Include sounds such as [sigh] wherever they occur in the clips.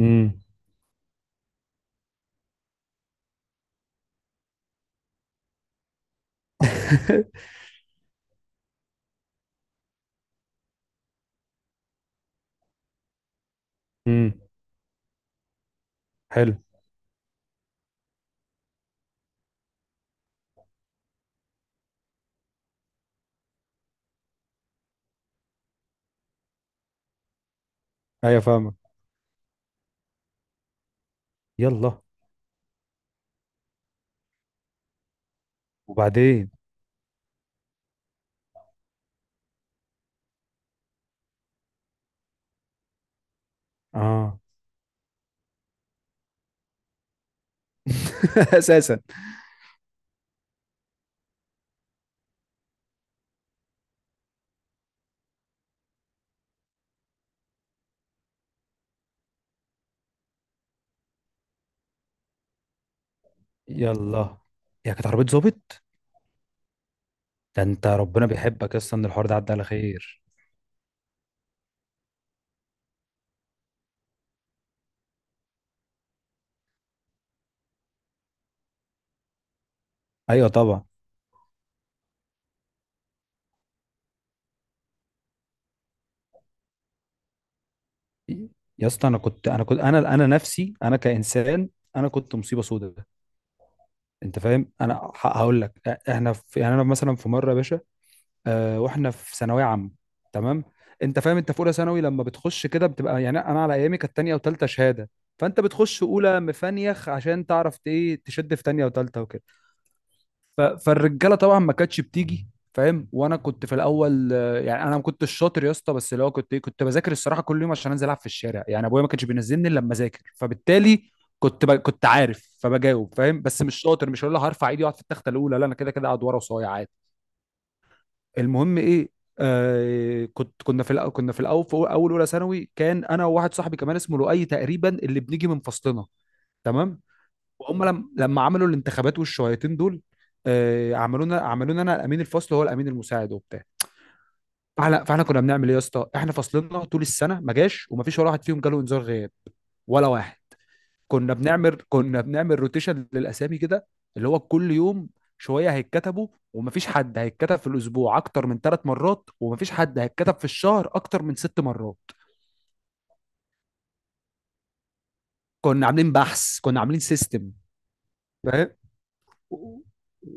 امم [laughs] امم حلو. ايوه، فاهمك. يلا. وبعدين؟ اه. [laughs] اساسا. يلا. يا كانت عربية ظابط؟ ده انت ربنا بيحبك يا اسطى ان الحوار ده عدى على خير. ايوه طبعا. يا اسطى، انا كنت انا نفسي انا كانسان، انا كنت مصيبه سوداء. انت فاهم، انا هقول لك، احنا في يعني انا مثلا في مره يا باشا، واحنا في ثانويه عامه. تمام. انت فاهم، انت في اولى ثانوي لما بتخش كده بتبقى يعني انا على ايامي كانت تانية وتالتة شهاده. فانت بتخش اولى مفنيخ عشان تعرف ايه تشد في تانية وتالتة وكده. فالرجاله طبعا ما كانتش بتيجي. فاهم، وانا كنت في الاول، يعني انا ما كنتش شاطر يا اسطى، بس اللي هو كنت بذاكر الصراحه كل يوم عشان انزل العب في الشارع، يعني ابويا ما كانش بينزلني الا لما اذاكر، فبالتالي كنت عارف فبجاوب، فاهم؟ بس مش شاطر. مش هقول له هرفع ايدي واقعد في التخته الاولى، لا، انا كده كده اقعد ورا وصايع عادي. المهم ايه، كنت كنا في الأ- كنا في الاول، في اول اولى ثانوي، كان انا وواحد صاحبي كمان اسمه لؤي تقريبا اللي بنيجي من فصلنا. تمام. وهم لم لما عملوا الانتخابات والشويتين دول، عملونا انا امين الفصل وهو الامين المساعد وبتاع. فاحنا كنا بنعمل ايه يا اسطى؟ احنا فصلنا طول السنه ما جاش، وما فيش ولا واحد فيهم جاله انذار غياب، ولا واحد. كنا بنعمل روتيشن للاسامي كده، اللي هو كل يوم شويه هيتكتبوا، ومفيش حد هيتكتب في الاسبوع اكتر من 3 مرات، ومفيش حد هيتكتب في الشهر اكتر من 6 مرات. كنا عاملين بحث، كنا عاملين سيستم. و-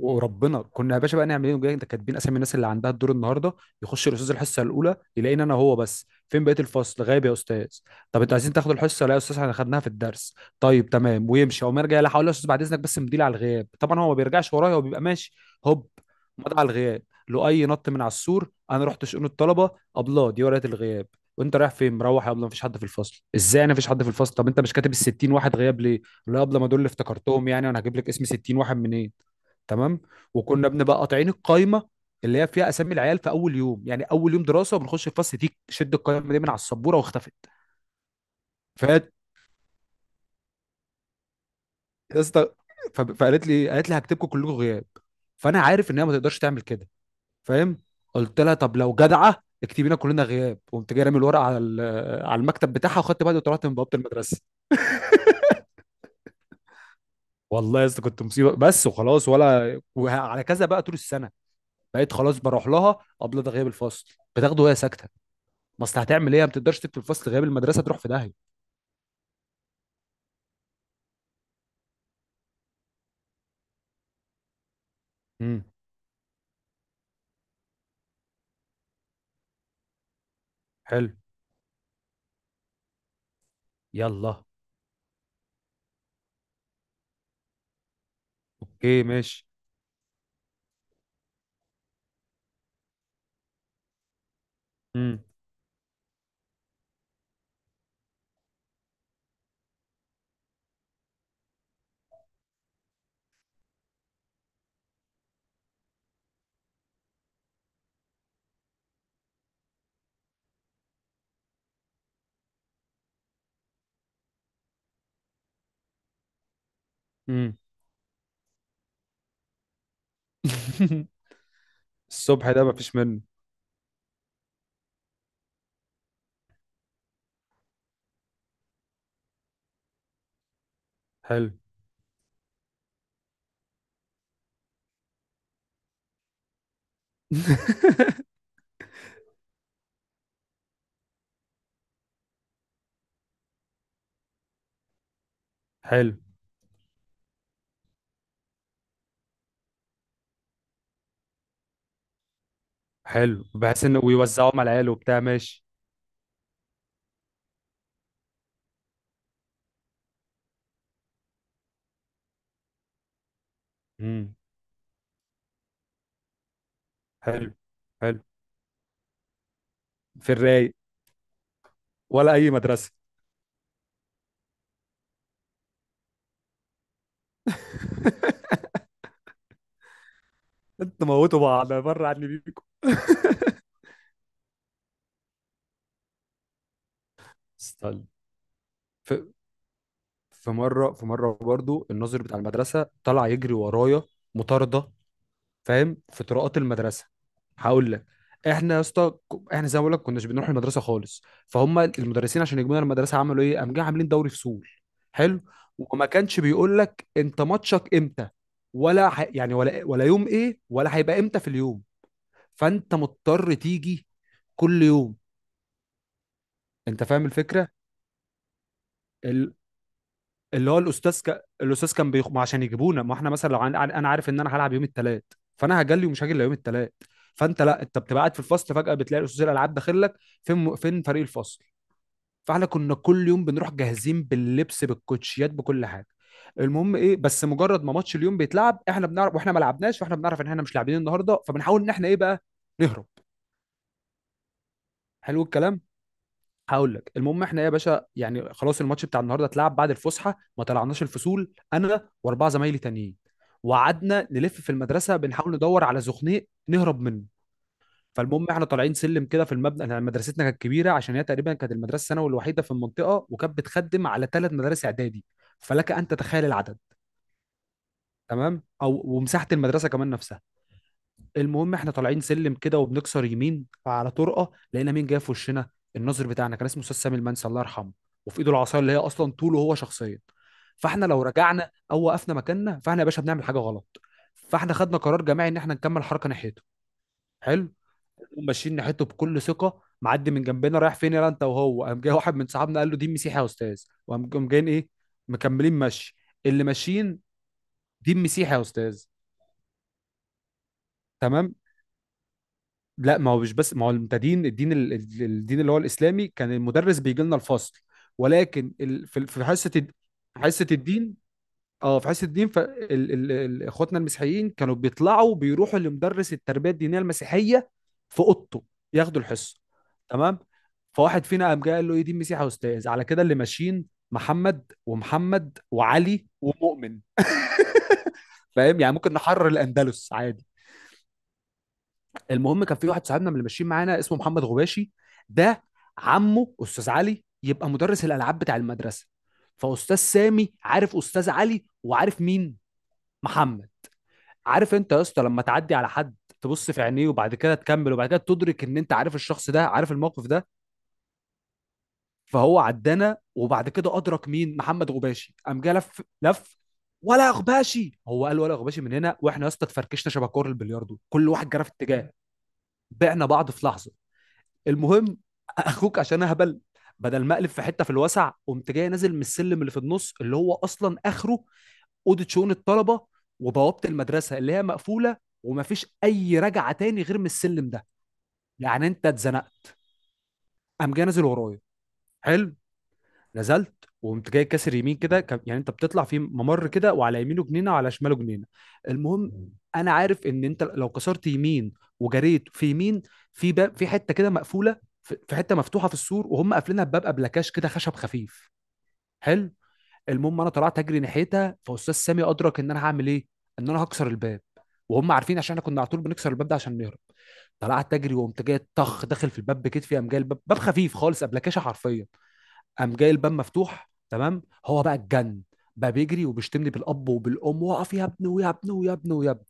وربنا كنا يا باشا بقى نعمل ايه، نقول لك ده كاتبين اسامي الناس اللي عندها الدور النهارده. يخش الاستاذ الحصه الاولى يلاقيني انا هو بس، فين بقيه الفصل غايب يا استاذ؟ طب انتوا عايزين تاخدوا الحصه؟ لا يا استاذ، احنا خدناها في الدرس. طيب تمام، ويمشي. او ما يرجع، لا هقول له يا استاذ بعد اذنك بس مديل على الغياب، طبعا هو ما بيرجعش ورايا، هو بيبقى ماشي. هوب، مضى على الغياب. لؤي نط من على السور، انا رحت شؤون الطلبه: ابله دي ورقه الغياب. وانت رايح فين؟ مروح يا ابله، مفيش حد في الفصل. ازاي انا مفيش حد في الفصل؟ طب انت مش كاتب ال 60 واحد غياب ليه؟ لا قبل، ما دول اللي افتكرتهم، يعني انا هجيب لك اسم 60 واحد منين؟ تمام. وكنا بنبقى قاطعين القايمه اللي هي فيها اسامي العيال في اول يوم، يعني اول يوم دراسه وبنخش الفصل دي شد القايمه دي من على السبوره واختفت. فقالت، يا اسطى، فقالت لي، قالت لي هكتبكم كلكم غياب. فانا عارف ان هي ما تقدرش تعمل كده، فاهم؟ قلت لها طب لو جدعه اكتبي لنا كلنا غياب. قمت جاي رامي الورقه على على المكتب بتاعها، وخدت بعض وطلعت من بوابه المدرسه. والله يا اسطى كنت مصيبه بس، وخلاص، ولا وعلى كذا بقى طول السنه. بقيت خلاص بروح لها قبل ده غياب الفصل، بتاخده وهي ساكته، ما اصل هتعمل ايه؟ ما بتقدرش تكتب الفصل غياب، المدرسه تروح في داهيه. امم حلو. يلا. اوكي ماشي. امم امم. [laughs] الصبح ده مفيش منه. حلو. [laughs] حلو. حلو، بحيث انه ويوزعوهم على العيال وبتاع، ماشي. امم حلو. حلو. في الرايق. ولا اي مدرسه. [laughs] انتوا موتوا بعض بره عني بيكم. [laughs] استنى، في مره في مره برضو الناظر بتاع المدرسه طلع يجري ورايا، مطارده، فاهم؟ في طرقات المدرسه. هقول لك، احنا يا اسطى، احنا زي ما بقول لك كناش بنروح المدرسه خالص، فهم المدرسين عشان يجيبونا المدرسه عملوا ايه؟ قام جاي عاملين دوري فصول. حلو. وما كانش بيقول لك انت ماتشك امتى، ولا يعني ولا يوم ايه ولا هيبقى امتى في اليوم، فانت مضطر تيجي كل يوم. انت فاهم الفكره؟ ال- اللي هو الاستاذ الاستاذ كان ما عشان يجيبونا، ما احنا مثلا لو انا عارف ان انا هلعب يوم الثلاث، فانا هجلي ومش هاجي الا يوم الثلاث. فانت لا، انت بتبقى قاعد في الفصل، فجاه بتلاقي استاذ الالعاب داخل لك: فين فين فريق الفصل؟ فاحنا كنا كل يوم بنروح جاهزين باللبس بالكوتشيات بكل حاجه. المهم ايه، بس مجرد ما ماتش اليوم بيتلعب، احنا بنعرف، واحنا ما لعبناش واحنا بنعرف ان احنا مش لاعبين النهارده، فبنحاول ان احنا ايه بقى، نهرب. حلو الكلام. هقول لك، المهم، احنا يا باشا يعني خلاص الماتش بتاع النهارده اتلعب بعد الفسحه، ما طلعناش الفصول انا واربعه زمايلي تانيين، وقعدنا نلف في المدرسه بنحاول ندور على زخنيق نهرب منه. فالمهم، احنا طالعين سلم كده في المبنى، احنا مدرستنا كانت كبيره عشان هي تقريبا كانت المدرسه الثانوي الوحيده في المنطقه، وكانت بتخدم على 3 مدارس اعدادي، فلك ان تتخيل العدد، تمام، او ومساحه المدرسه كمان نفسها. المهم احنا طالعين سلم كده وبنكسر يمين، فعلى طرقه لقينا مين جاي في وشنا، الناظر بتاعنا كان اسمه استاذ سامي المنسي، الله يرحمه، وفي ايده العصايه اللي هي اصلا طوله هو شخصيا. فاحنا لو رجعنا او وقفنا مكاننا فاحنا يا باشا بنعمل حاجه غلط، فاحنا خدنا قرار جماعي ان احنا نكمل حركه ناحيته. حلو. نقوم ماشيين ناحيته بكل ثقه، معدي من جنبنا: رايح فين يا انت؟ وهو قام جاي واحد من صحابنا قال له دين مسيحي يا استاذ، وقام جايين ايه، مكملين مشي، اللي ماشيين، دين مسيحي يا استاذ. تمام. لا ما هو مش بس، ما هو انت دين الدين الدين اللي هو الاسلامي كان المدرس بيجي لنا الفصل، ولكن في حصه حصه الدين، اه، في حصه الدين اخواتنا المسيحيين كانوا بيطلعوا بيروحوا لمدرس التربيه الدينيه المسيحيه في اوضته، ياخدوا الحصه. تمام. فواحد فينا قام جاي قال له ايه، دين مسيحي يا استاذ، على كده اللي ماشيين محمد ومحمد وعلي ومؤمن، فاهم يعني، ممكن نحرر الاندلس عادي. المهم، كان في واحد صاحبنا من اللي ماشيين معانا اسمه محمد غباشي، ده عمه استاذ علي يبقى مدرس الالعاب بتاع المدرسه. فاستاذ سامي عارف استاذ علي وعارف مين، محمد. عارف انت يا اسطى لما تعدي على حد، تبص في عينيه وبعد كده تكمل، وبعد كده تدرك ان انت عارف الشخص ده، عارف الموقف ده. فهو عدانا، وبعد كده ادرك مين محمد غباشي، قام جه لف لف. ولا غباشي، هو قال ولا غباشي من هنا، واحنا يا اسطى اتفركشنا شبه كور البلياردو، كل واحد جرى في اتجاه، بعنا بعض في لحظه. المهم، اخوك عشان اهبل، بدل ما اقلب في حته في الوسع، قمت جاي نازل من السلم اللي في النص، اللي هو اصلا اخره اوضه شؤون الطلبه وبوابه المدرسه اللي هي مقفوله، ومفيش اي رجعه تاني غير من السلم ده، يعني انت اتزنقت. قام جاي نازل ورايا. حلو. نزلت، وقمت جاي كاسر يمين كده، يعني انت بتطلع في ممر كده، وعلى يمينه جنينه وعلى شماله جنينه. المهم، انا عارف ان انت لو كسرت يمين وجريت في يمين في باب، في حته كده مقفوله، في حته مفتوحه في السور وهم قافلينها بباب ابلكاش كده خشب خفيف. حلو. المهم انا طلعت اجري ناحيتها، فاستاذ سامي ادرك ان انا هعمل ايه، ان انا هكسر الباب، وهم عارفين عشان احنا كنا على طول بنكسر الباب ده عشان نهرب. طلعت اجري وقمت جاي طخ داخل في الباب بكتفي، قام جاي الباب، باب خفيف خالص، ابلكاشه حرفيا. قام جاي الباب مفتوح تمام، هو بقى اتجن، بقى بيجري وبيشتمني بالاب وبالام، واقف يا ابني، ويا ابني، ويا ابني، ويا ابني.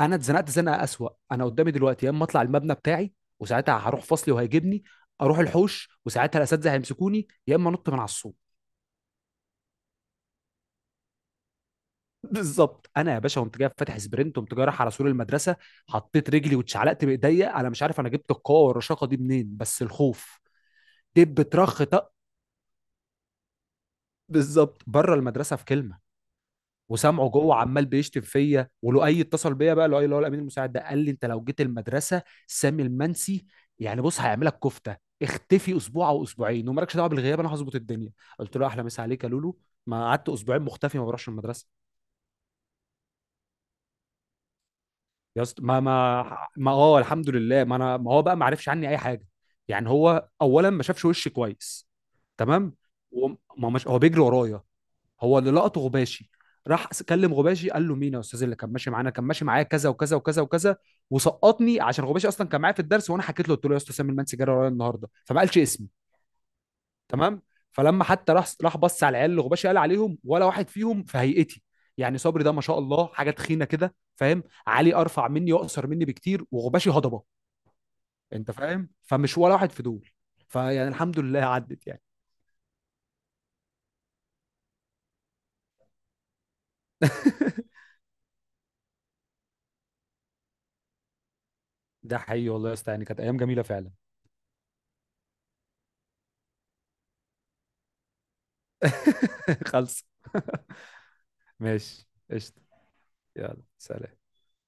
انا اتزنقت زنقه اسوأ، انا قدامي دلوقتي يا اما اطلع المبنى بتاعي وساعتها هروح فصلي وهيجيبني، اروح الحوش وساعتها الاساتذه هيمسكوني، يا اما انط من على السور. بالظبط، انا يا باشا قمت جاي فاتح سبرنت، قمت جاي رايح على سور المدرسه، حطيت رجلي واتشعلقت بايديا، انا مش عارف انا جبت القوه والرشاقه دي منين، بس الخوف، دب ترخ طق، بالظبط بره المدرسه في كلمه. وسامعه جوه عمال بيشتم فيا، ولؤي اتصل بيا بقى، لؤي اللي هو الامين المساعد ده، قال لي انت لو جيت المدرسه، سامي المنسي يعني بص هيعملك كفته، اختفي اسبوع او اسبوعين ومالكش دعوه بالغياب، انا هظبط الدنيا. قلت له احلى مسا عليك يا لولو. ما قعدت اسبوعين مختفي، ما بروحش المدرسه. يا اسطى ما الحمد لله، ما انا ما هو بقى ما عرفش عني اي حاجه، يعني هو اولا ما شافش وشي كويس. تمام. وما مش هو بيجري ورايا، هو اللي لقطه غباشي، راح كلم غباشي، قال له مين يا استاذ اللي كان ماشي معايا كذا وكذا وكذا وكذا، وسقطني عشان غباشي اصلا كان معايا في الدرس، وانا حكيت له قلت له يا استاذ سامي المان سجاره ورايا النهارده، فما قالش اسمي. تمام. فلما حتى راح، بص على العيال اللي غباشي قال عليهم، ولا واحد فيهم في هيئتي. يعني صبري ده ما شاء الله حاجه تخينه كده، فاهم، علي ارفع مني واقصر مني بكتير، وغباشي هضبه، انت فاهم؟ فمش ولا واحد في دول، فيعني الحمد لله عدت يعني. [laughs] ده حقيقي، والله يا اسطى، يعني كانت ايام جميله فعلا. [laughs] خلص. [laughs] ماشي قشطة. يلا سلام.